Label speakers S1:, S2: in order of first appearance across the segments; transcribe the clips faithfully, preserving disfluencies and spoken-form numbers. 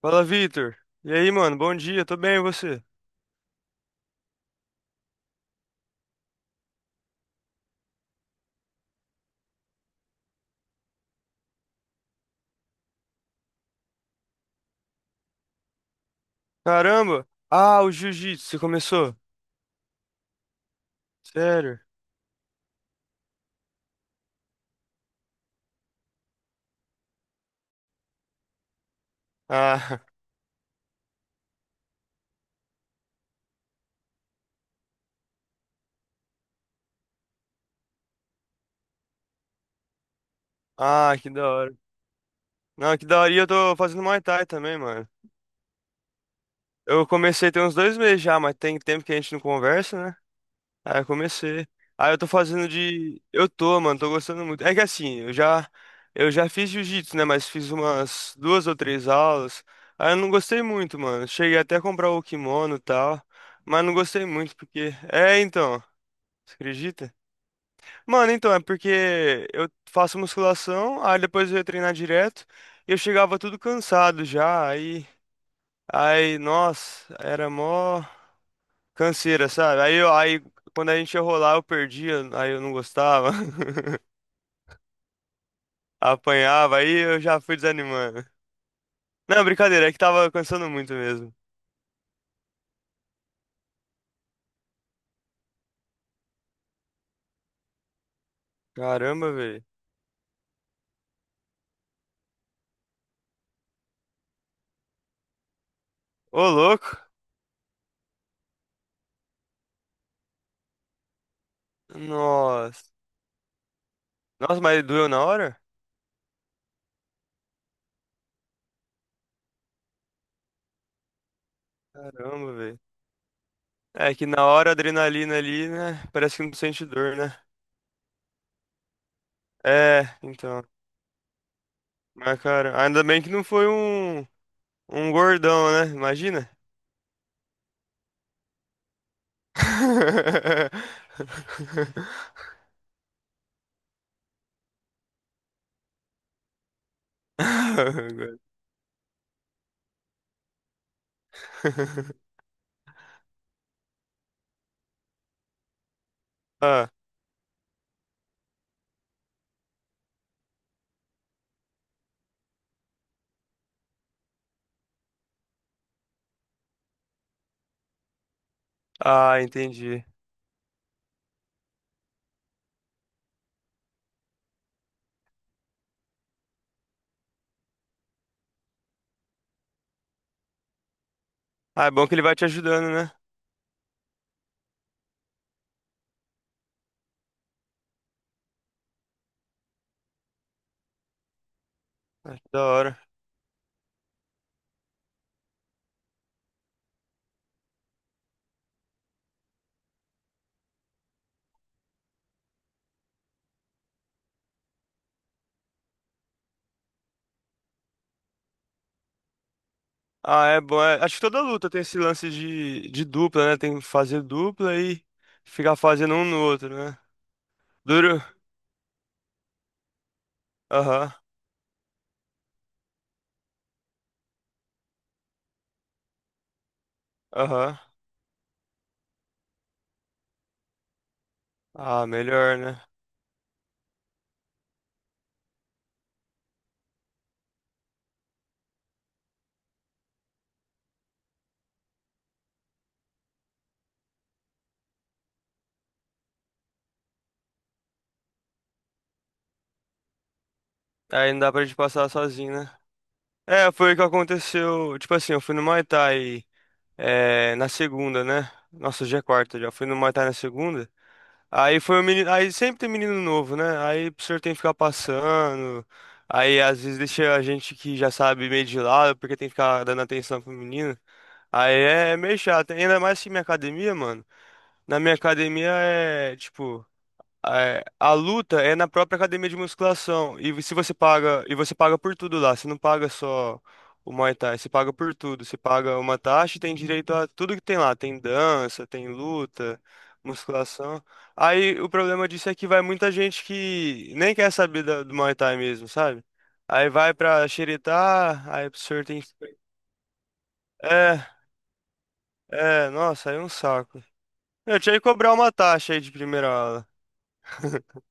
S1: Fala, Vitor. E aí, mano? Bom dia, tô bem, e você? Caramba! Ah, o jiu-jitsu, você começou? Sério? Ah, ah, que da hora. Não, que da hora. E eu tô fazendo Muay Thai também, mano. Eu comecei tem uns dois meses já, mas tem tempo que a gente não conversa, né? Aí eu comecei. Aí eu tô fazendo de. Eu tô, mano, tô gostando muito. É que assim, eu já. Eu já fiz jiu-jitsu, né? Mas fiz umas duas ou três aulas. Aí eu não gostei muito, mano. Cheguei até a comprar o kimono e tal. Mas não gostei muito, porque. É, então. Você acredita? Mano, então, é porque eu faço musculação, aí depois eu ia treinar direto, e eu chegava tudo cansado já, aí, aí, nossa, era mó canseira, sabe? Aí, eu, aí quando a gente ia rolar, eu perdia, aí eu não gostava, apanhava, aí eu já fui desanimando. Não, brincadeira, é que tava cansando muito mesmo. Caramba, velho. Ô, louco! Nossa. Nossa, mas doeu na hora? Caramba, velho. É que na hora a adrenalina ali, né? Parece que não sente dor, né? É, então. Mas, cara, ainda bem que não foi um, um gordão, né? Imagina. Ah, ah, entendi. Ah, é bom que ele vai te ajudando, né? Ah, que da hora. Ah, é bom. É- acho que toda luta tem esse lance de, de dupla, né? Tem que fazer dupla e ficar fazendo um no outro, né? Duro. Aham, aham. Ah, melhor, né? Aí não dá pra gente passar sozinho, né? É, foi o que aconteceu. Tipo assim, eu fui no Muay Thai, é, na segunda, né? Nossa, hoje é quarta já. Fui no Muay Thai na segunda. Aí foi o menino. Aí sempre tem menino novo, né? Aí o senhor tem que ficar passando. Aí às vezes deixa a gente que já sabe meio de lado, porque tem que ficar dando atenção pro menino. Aí é meio chato. Ainda mais que minha academia, mano. Na minha academia é, tipo, é, a luta é na própria academia de musculação. E se você paga, e você paga por tudo lá, você não paga só o Muay Thai, você paga por tudo. Você paga uma taxa e tem direito a tudo que tem lá. Tem dança, tem luta, musculação. Aí o problema disso é que vai muita gente que nem quer saber da- do Muay Thai mesmo, sabe? Aí vai pra xeretar, aí o senhor tem. É, é, nossa, aí é um saco. Eu tinha que cobrar uma taxa aí de primeira aula.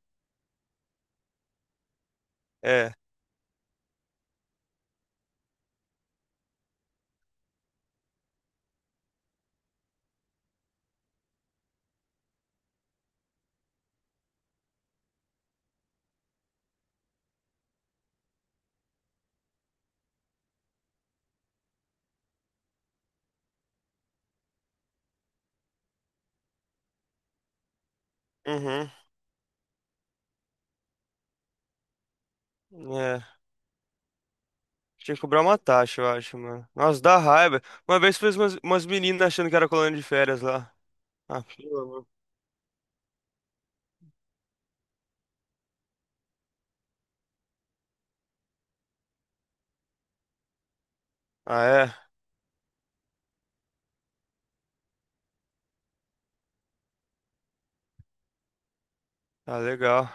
S1: É. Uhum. É. Tinha que cobrar uma taxa, eu acho, mano. Nossa, dá raiva. Uma vez fez umas, umas meninas achando que era colônia de férias lá. Ah, pelo amor. Ah, é? Ah, legal.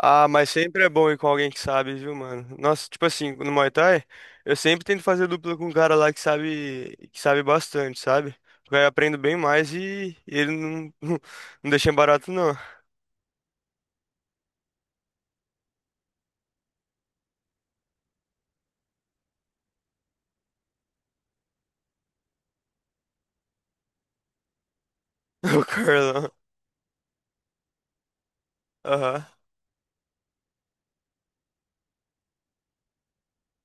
S1: Ah, mas sempre é bom ir com alguém que sabe, viu, mano? Nossa, tipo assim, no Muay Thai, eu sempre tento fazer dupla com um cara lá que sabe, que sabe bastante, sabe? Porque aí eu aprendo bem mais e, e ele não, não deixa em barato, não. O Carlão. Aham.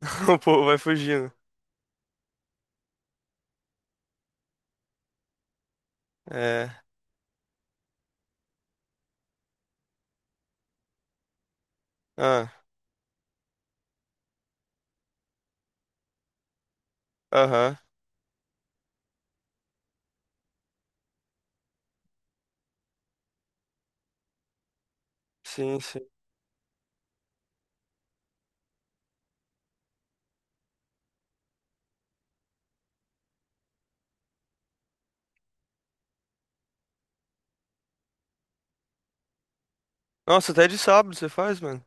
S1: O povo vai fugindo. É. Ah, aham. Sim, sim. Nossa, até de sábado você faz, mano?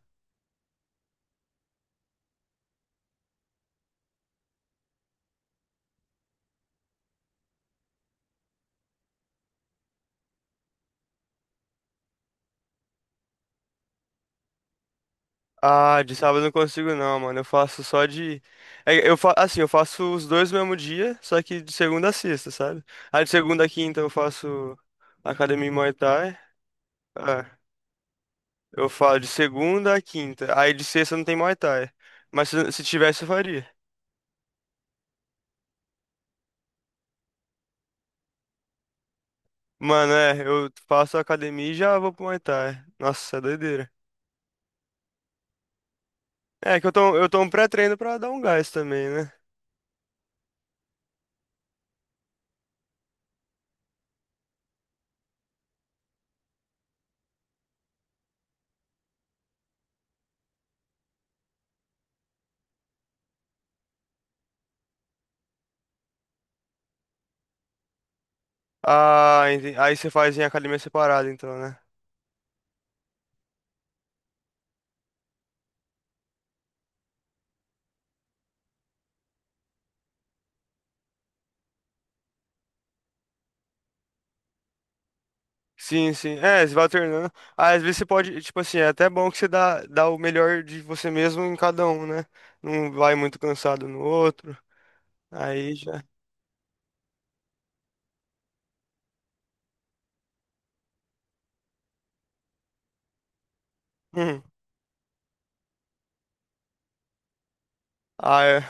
S1: Ah, de sábado eu não consigo não, mano. Eu faço só de. é, Eu fa... Assim, eu faço os dois no mesmo dia, só que de segunda a sexta, sabe? Ah, de segunda a quinta eu faço academia e Muay Thai. Ah, eu falo de segunda a quinta. Aí de sexta não tem Muay Thai. Mas se, se tivesse, eu faria. Mano, é, eu faço academia e já vou pro Muay Thai. Nossa, é doideira. É que eu tô, eu tomo pré-treino pra dar um gás também, né? Ah, entendi. Aí você faz em academia separada, então, né? Sim, sim. É, você vai alternando. Ah, às vezes você pode, tipo assim, é até bom que você dá, dá o melhor de você mesmo em cada um, né? Não vai muito cansado no outro. Aí já. Hum. Ah, é.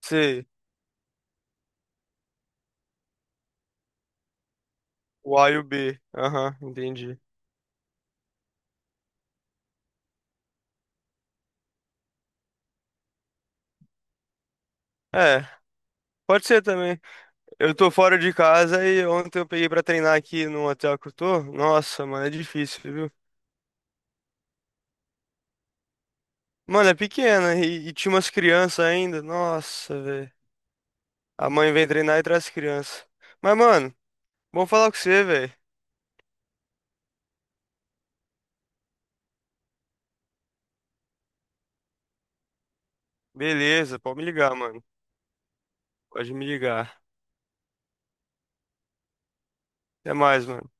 S1: Sei. O A e o B. Aham, entendi. É, pode ser também. Eu tô fora de casa e ontem eu peguei pra treinar aqui no hotel que eu tô. Nossa, mano, é difícil, viu? Mano, é pequena e, e tinha umas crianças ainda. Nossa, velho. A mãe vem treinar e traz crianças. Mas, mano, bom falar com você, velho. Beleza, pode me ligar, mano. Pode me ligar. Até mais, mano.